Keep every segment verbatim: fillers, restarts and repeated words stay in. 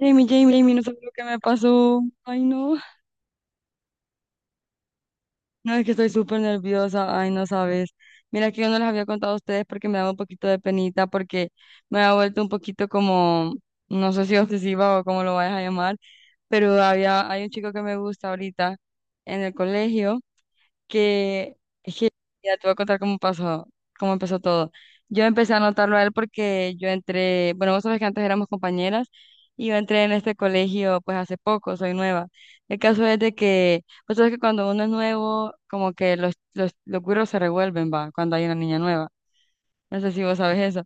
Jamie, Jamie, Jamie, no sabes lo que me pasó. Ay, no. No, es que estoy súper nerviosa. Ay, no sabes. Mira que yo no les había contado a ustedes porque me daba un poquito de penita, porque me ha vuelto un poquito como, no sé si obsesiva o como lo vayas a llamar, pero había, hay un chico que me gusta ahorita en el colegio. Que es que ya te voy a contar cómo pasó, cómo empezó todo. Yo empecé a notarlo a él porque yo entré, bueno, vos sabés que antes éramos compañeras y yo entré en este colegio pues hace poco, soy nueva. El caso es de que, vos sabés que cuando uno es nuevo, como que los, los, los güiros se revuelven, va, cuando hay una niña nueva. No sé si vos sabes eso,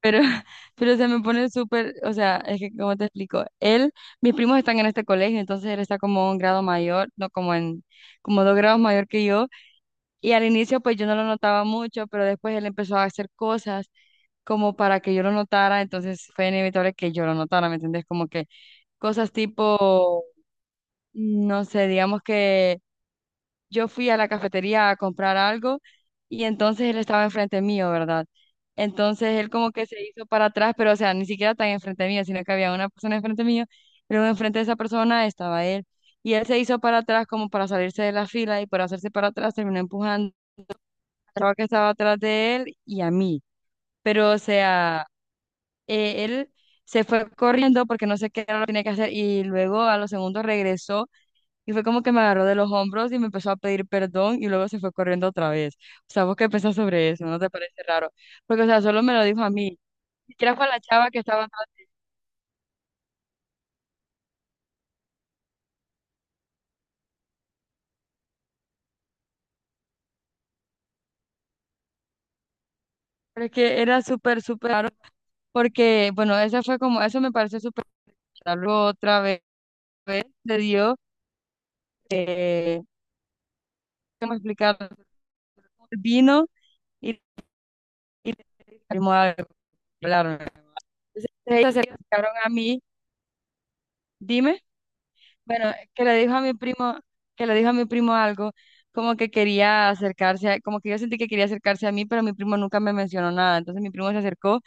pero, pero se me pone súper, o sea, es que, ¿cómo te explico? Él, mis primos están en este colegio, entonces él está como un grado mayor, no como en, como dos grados mayor que yo, y al inicio pues yo no lo notaba mucho, pero después él empezó a hacer cosas como para que yo lo notara, entonces fue inevitable que yo lo notara, ¿me entendés? Como que cosas tipo, no sé, digamos que yo fui a la cafetería a comprar algo y entonces él estaba enfrente mío, ¿verdad? Entonces él como que se hizo para atrás, pero o sea, ni siquiera tan enfrente mío, sino que había una persona enfrente mío, luego enfrente de esa persona estaba él. Y él se hizo para atrás como para salirse de la fila y por hacerse para atrás terminó empujando chava que estaba atrás de él y a mí. Pero, o sea, eh, él se fue corriendo porque no sé qué era lo que tenía que hacer y luego a los segundos regresó y fue como que me agarró de los hombros y me empezó a pedir perdón y luego se fue corriendo otra vez. O sea, ¿vos qué pensás sobre eso? ¿No te parece raro? Porque, o sea, solo me lo dijo a mí. Ni siquiera fue a la chava que estaba atrás, pero es que era súper, súper raro porque, bueno, esa fue como, eso me pareció súper raro. Luego otra vez, se dio, eh, ¿cómo explicarlo? Vino. y y mismo a hablarme. Entonces, ellos se acercaron a mí, dime, bueno, que le dijo a mi primo, que le dijo a mi primo algo, como que quería acercarse, a- como que yo sentí que quería acercarse a mí, pero mi primo nunca me mencionó nada. Entonces mi primo se acercó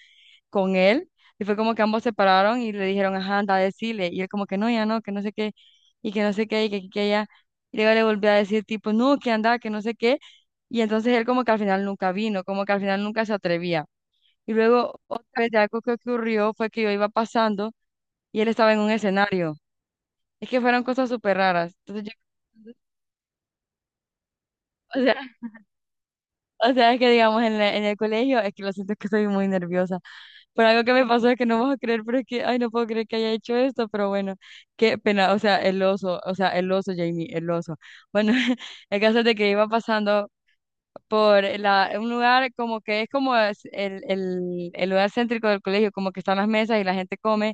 con él y fue como que ambos se pararon y le dijeron, ajá, anda a decirle. Y él como que no, ya no, que no sé qué, y que no sé qué, y que aquí, que allá. Y luego le volví a decir tipo, no, que anda, que no sé qué. Y entonces él como que al final nunca vino, como que al final nunca se atrevía. Y luego otra vez algo que ocurrió fue que yo iba pasando y él estaba en un escenario. Es que fueron cosas súper raras. Entonces yo, o sea, o sea, es que digamos en, la- en el colegio, es que lo siento es que soy muy nerviosa. Pero algo que me pasó es que no vas a creer, pero es que, ay, no puedo creer que haya hecho esto, pero bueno, qué pena, o sea, el oso, o sea, el oso, Jamie, el oso. Bueno, el caso es de que iba pasando por la, un lugar como que es como es el, el, el lugar céntrico del colegio, como que están las mesas y la gente come,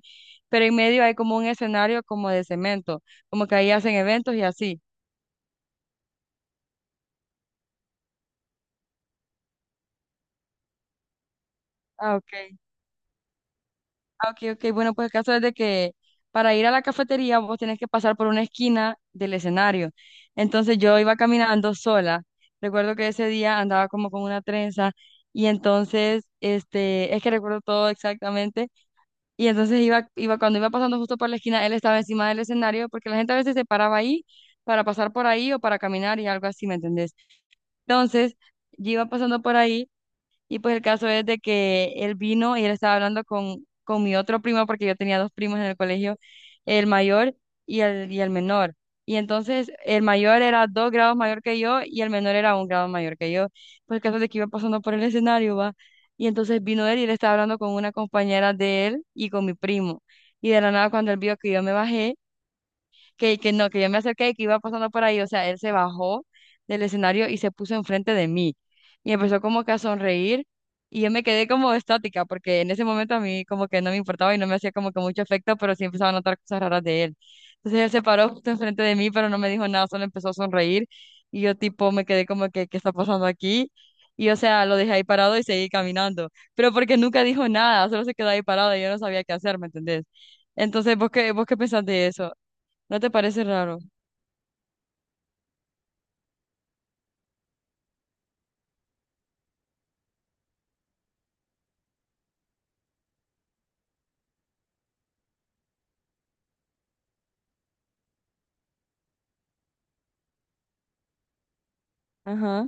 pero en medio hay como un escenario como de cemento, como que ahí hacen eventos y así. Ah, ok. Ah, ok, ok. Bueno, pues el caso es de que para ir a la cafetería vos tenés que pasar por una esquina del escenario. Entonces yo iba caminando sola. Recuerdo que ese día andaba como con una trenza y entonces, este, es que recuerdo todo exactamente. Y entonces iba, iba, cuando iba pasando justo por la esquina, él estaba encima del escenario, porque la gente a veces se paraba ahí para pasar por ahí o para caminar y algo así, ¿me entendés? Entonces, yo iba pasando por ahí y pues el caso es de que él vino y él estaba hablando con, con mi otro primo, porque yo tenía dos primos en el colegio, el mayor y el, y el menor. Y entonces el mayor era dos grados mayor que yo y el menor era un grado mayor que yo. Pues el caso es de que iba pasando por el escenario, va. Y entonces vino él y él estaba hablando con una compañera de él y con mi primo. Y de la nada, cuando él vio que yo me bajé, que, que no, que yo me acerqué y que iba pasando por ahí, o sea, él se bajó del escenario y se puso enfrente de mí y empezó como que a sonreír y yo me quedé como estática porque en ese momento a mí como que no me importaba y no me hacía como que mucho efecto, pero sí empezaba a notar cosas raras de él. Entonces él se paró justo enfrente de mí, pero no me dijo nada, solo empezó a sonreír y yo tipo me quedé como que, ¿qué está pasando aquí? Y o sea, lo dejé ahí parado y seguí caminando, pero porque nunca dijo nada, solo se quedó ahí parado y yo no sabía qué hacer, ¿me entendés? Entonces, ¿vos qué, vos qué pensás de eso? ¿No te parece raro? Ajá.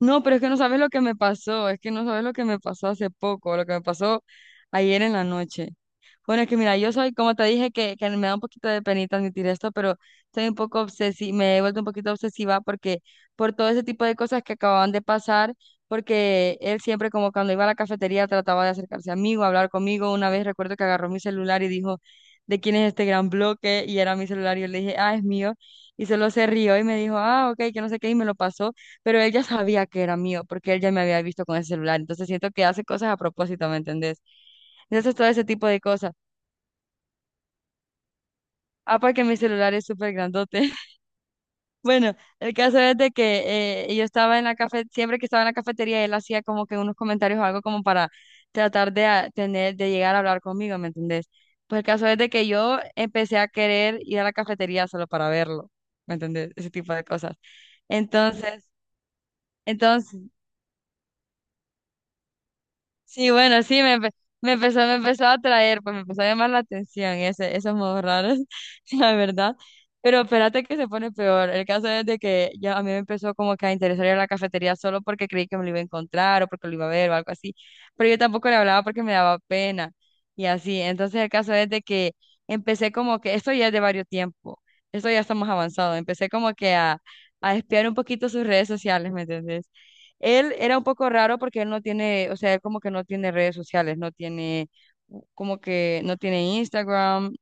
No, pero es que no sabes lo que me pasó, es que no sabes lo que me pasó hace poco, lo que me pasó ayer en la noche. Bueno, es que mira, yo soy, como te dije, que, que me da un poquito de penita admitir esto, pero soy un poco obsesiva, me he vuelto un poquito obsesiva porque por todo ese tipo de cosas que acababan de pasar, porque él siempre como cuando iba a la cafetería trataba de acercarse a mí o hablar conmigo. Una vez recuerdo que agarró mi celular y dijo, ¿de quién es este gran bloque? Y era mi celular y yo le dije, ah, es mío. Y solo se rió y me dijo, ah, ok, que no sé qué, y me lo pasó, pero él ya sabía que era mío porque él ya me había visto con ese celular. Entonces siento que hace cosas a propósito, ¿me entendés? Entonces, todo ese tipo de cosas. Ah, porque mi celular es súper grandote. Bueno, el caso es de que eh, yo estaba en la cafetería, siempre que estaba en la cafetería, él hacía como que unos comentarios o algo como para tratar de a- tener, de llegar a hablar conmigo, ¿me entendés? Pues el caso es de que yo empecé a querer ir a la cafetería solo para verlo, ¿me entendés? Ese tipo de cosas. Entonces, entonces, sí, bueno, sí, me, empe- me empezó, me empezó a atraer, pues me empezó a llamar la atención ese, esos modos raros, la verdad. Pero espérate que se pone peor. El caso es de que ya a mí me empezó como que a interesar ir a la cafetería solo porque creí que me lo iba a encontrar o porque lo iba a ver o algo así. Pero yo tampoco le hablaba porque me daba pena y así. Entonces el caso es de que empecé como que, esto ya es de varios tiempo, esto ya estamos avanzados. Empecé como que a, a espiar un poquito sus redes sociales, ¿me entendés? Él era un poco raro porque él no tiene, o sea, él como que no tiene redes sociales, no tiene, como que no tiene Instagram.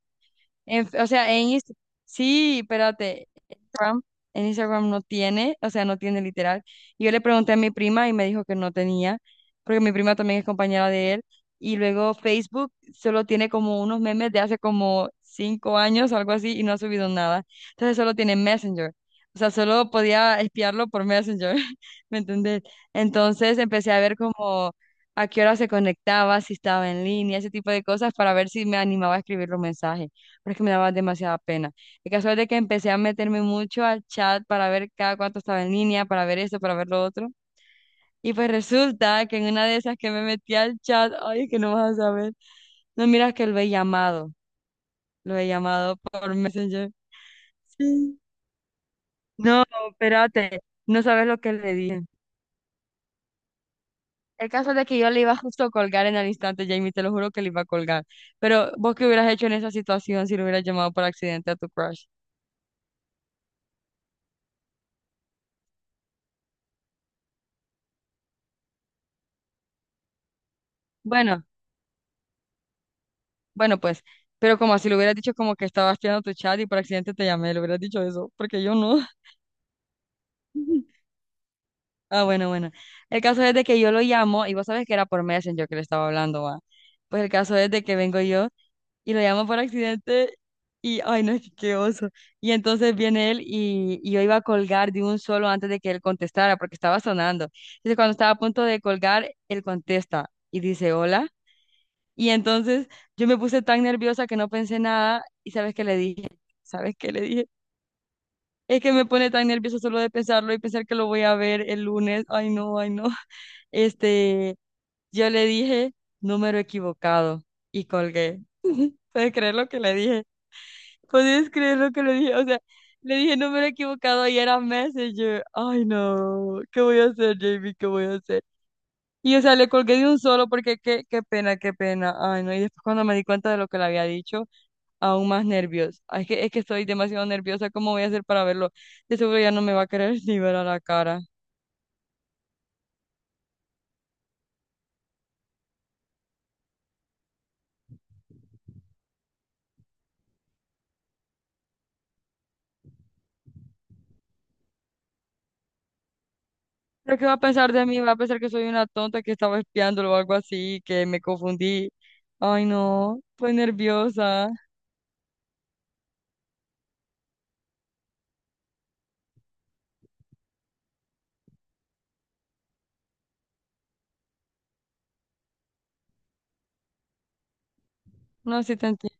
en- O sea, en Insta- sí, espérate, Instagram, en Instagram no tiene, o sea, no tiene literal. Y yo le pregunté a mi prima y me dijo que no tenía, porque mi prima también es compañera de él. Y luego Facebook solo tiene como unos memes de hace como cinco años, algo así, y no ha subido nada. Entonces solo tiene Messenger. O sea, solo podía espiarlo por Messenger, ¿me entendés? Entonces empecé a ver como a qué hora se conectaba, si estaba en línea, ese tipo de cosas, para ver si me animaba a escribirle un mensaje, porque me daba demasiada pena. El caso es de que empecé a meterme mucho al chat para ver cada cuánto estaba en línea, para ver esto, para ver lo otro. Y pues resulta que en una de esas que me metí al chat, ay, que no vas a saber. No, miras que lo he llamado, lo he llamado por Messenger. Sí. No, espérate, no sabes lo que le dije. El caso es de que yo le iba justo a colgar en el instante, Jamie, te lo juro que le iba a colgar. Pero vos qué hubieras hecho en esa situación si lo hubieras llamado por accidente a tu crush. Bueno. Bueno, pues, pero como si lo hubieras dicho, como que estabas tirando tu chat y por accidente te llamé, le hubieras dicho eso, porque yo no. Ah, bueno, bueno. El caso es de que yo lo llamo, y vos sabés que era por Messenger que le estaba hablando, va. Pues el caso es de que vengo yo y lo llamo por accidente y, ay, no, qué qué oso. Y entonces viene él y, y yo iba a colgar de un solo antes de que él contestara, porque estaba sonando. Entonces cuando estaba a punto de colgar, él contesta y dice, hola. Y entonces yo me puse tan nerviosa que no pensé nada y ¿sabes qué le dije? ¿Sabes qué le dije? Es que me pone tan nerviosa solo de pensarlo y pensar que lo voy a ver el lunes. Ay, no, ay, no. Este, yo le dije número equivocado y colgué. ¿Puedes creer lo que le dije? ¿Puedes creer lo que le dije? O sea, le dije número equivocado y era Messenger. Ay, no. ¿Qué voy a hacer, Jamie? ¿Qué voy a hacer? Y o sea, le colgué de un solo porque qué, qué pena, qué pena. Ay, no. Y después cuando me di cuenta de lo que le había dicho, aún más nervios. Ah, Es que, es que estoy demasiado nerviosa. ¿Cómo voy a hacer para verlo? De seguro ya no me va a querer ni ver a la cara. ¿Pero qué va a pensar de mí? ¿Va a pensar que soy una tonta que estaba espiándolo o algo así, que me confundí? Ay, no, estoy nerviosa. No, sí te entiendo.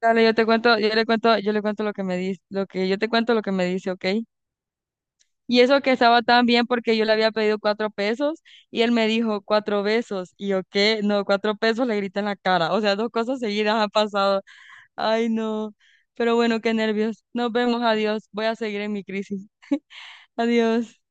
Dale, yo te cuento, yo le cuento, yo le cuento lo que me dice, lo que yo te cuento lo que me dice, ¿ok? Y eso que estaba tan bien porque yo le había pedido cuatro pesos y él me dijo cuatro besos. Y yo, ¿qué? No, cuatro pesos le grité en la cara. O sea, dos cosas seguidas han pasado. Ay, no. Pero bueno, qué nervios. Nos vemos, adiós. Voy a seguir en mi crisis. Adiós.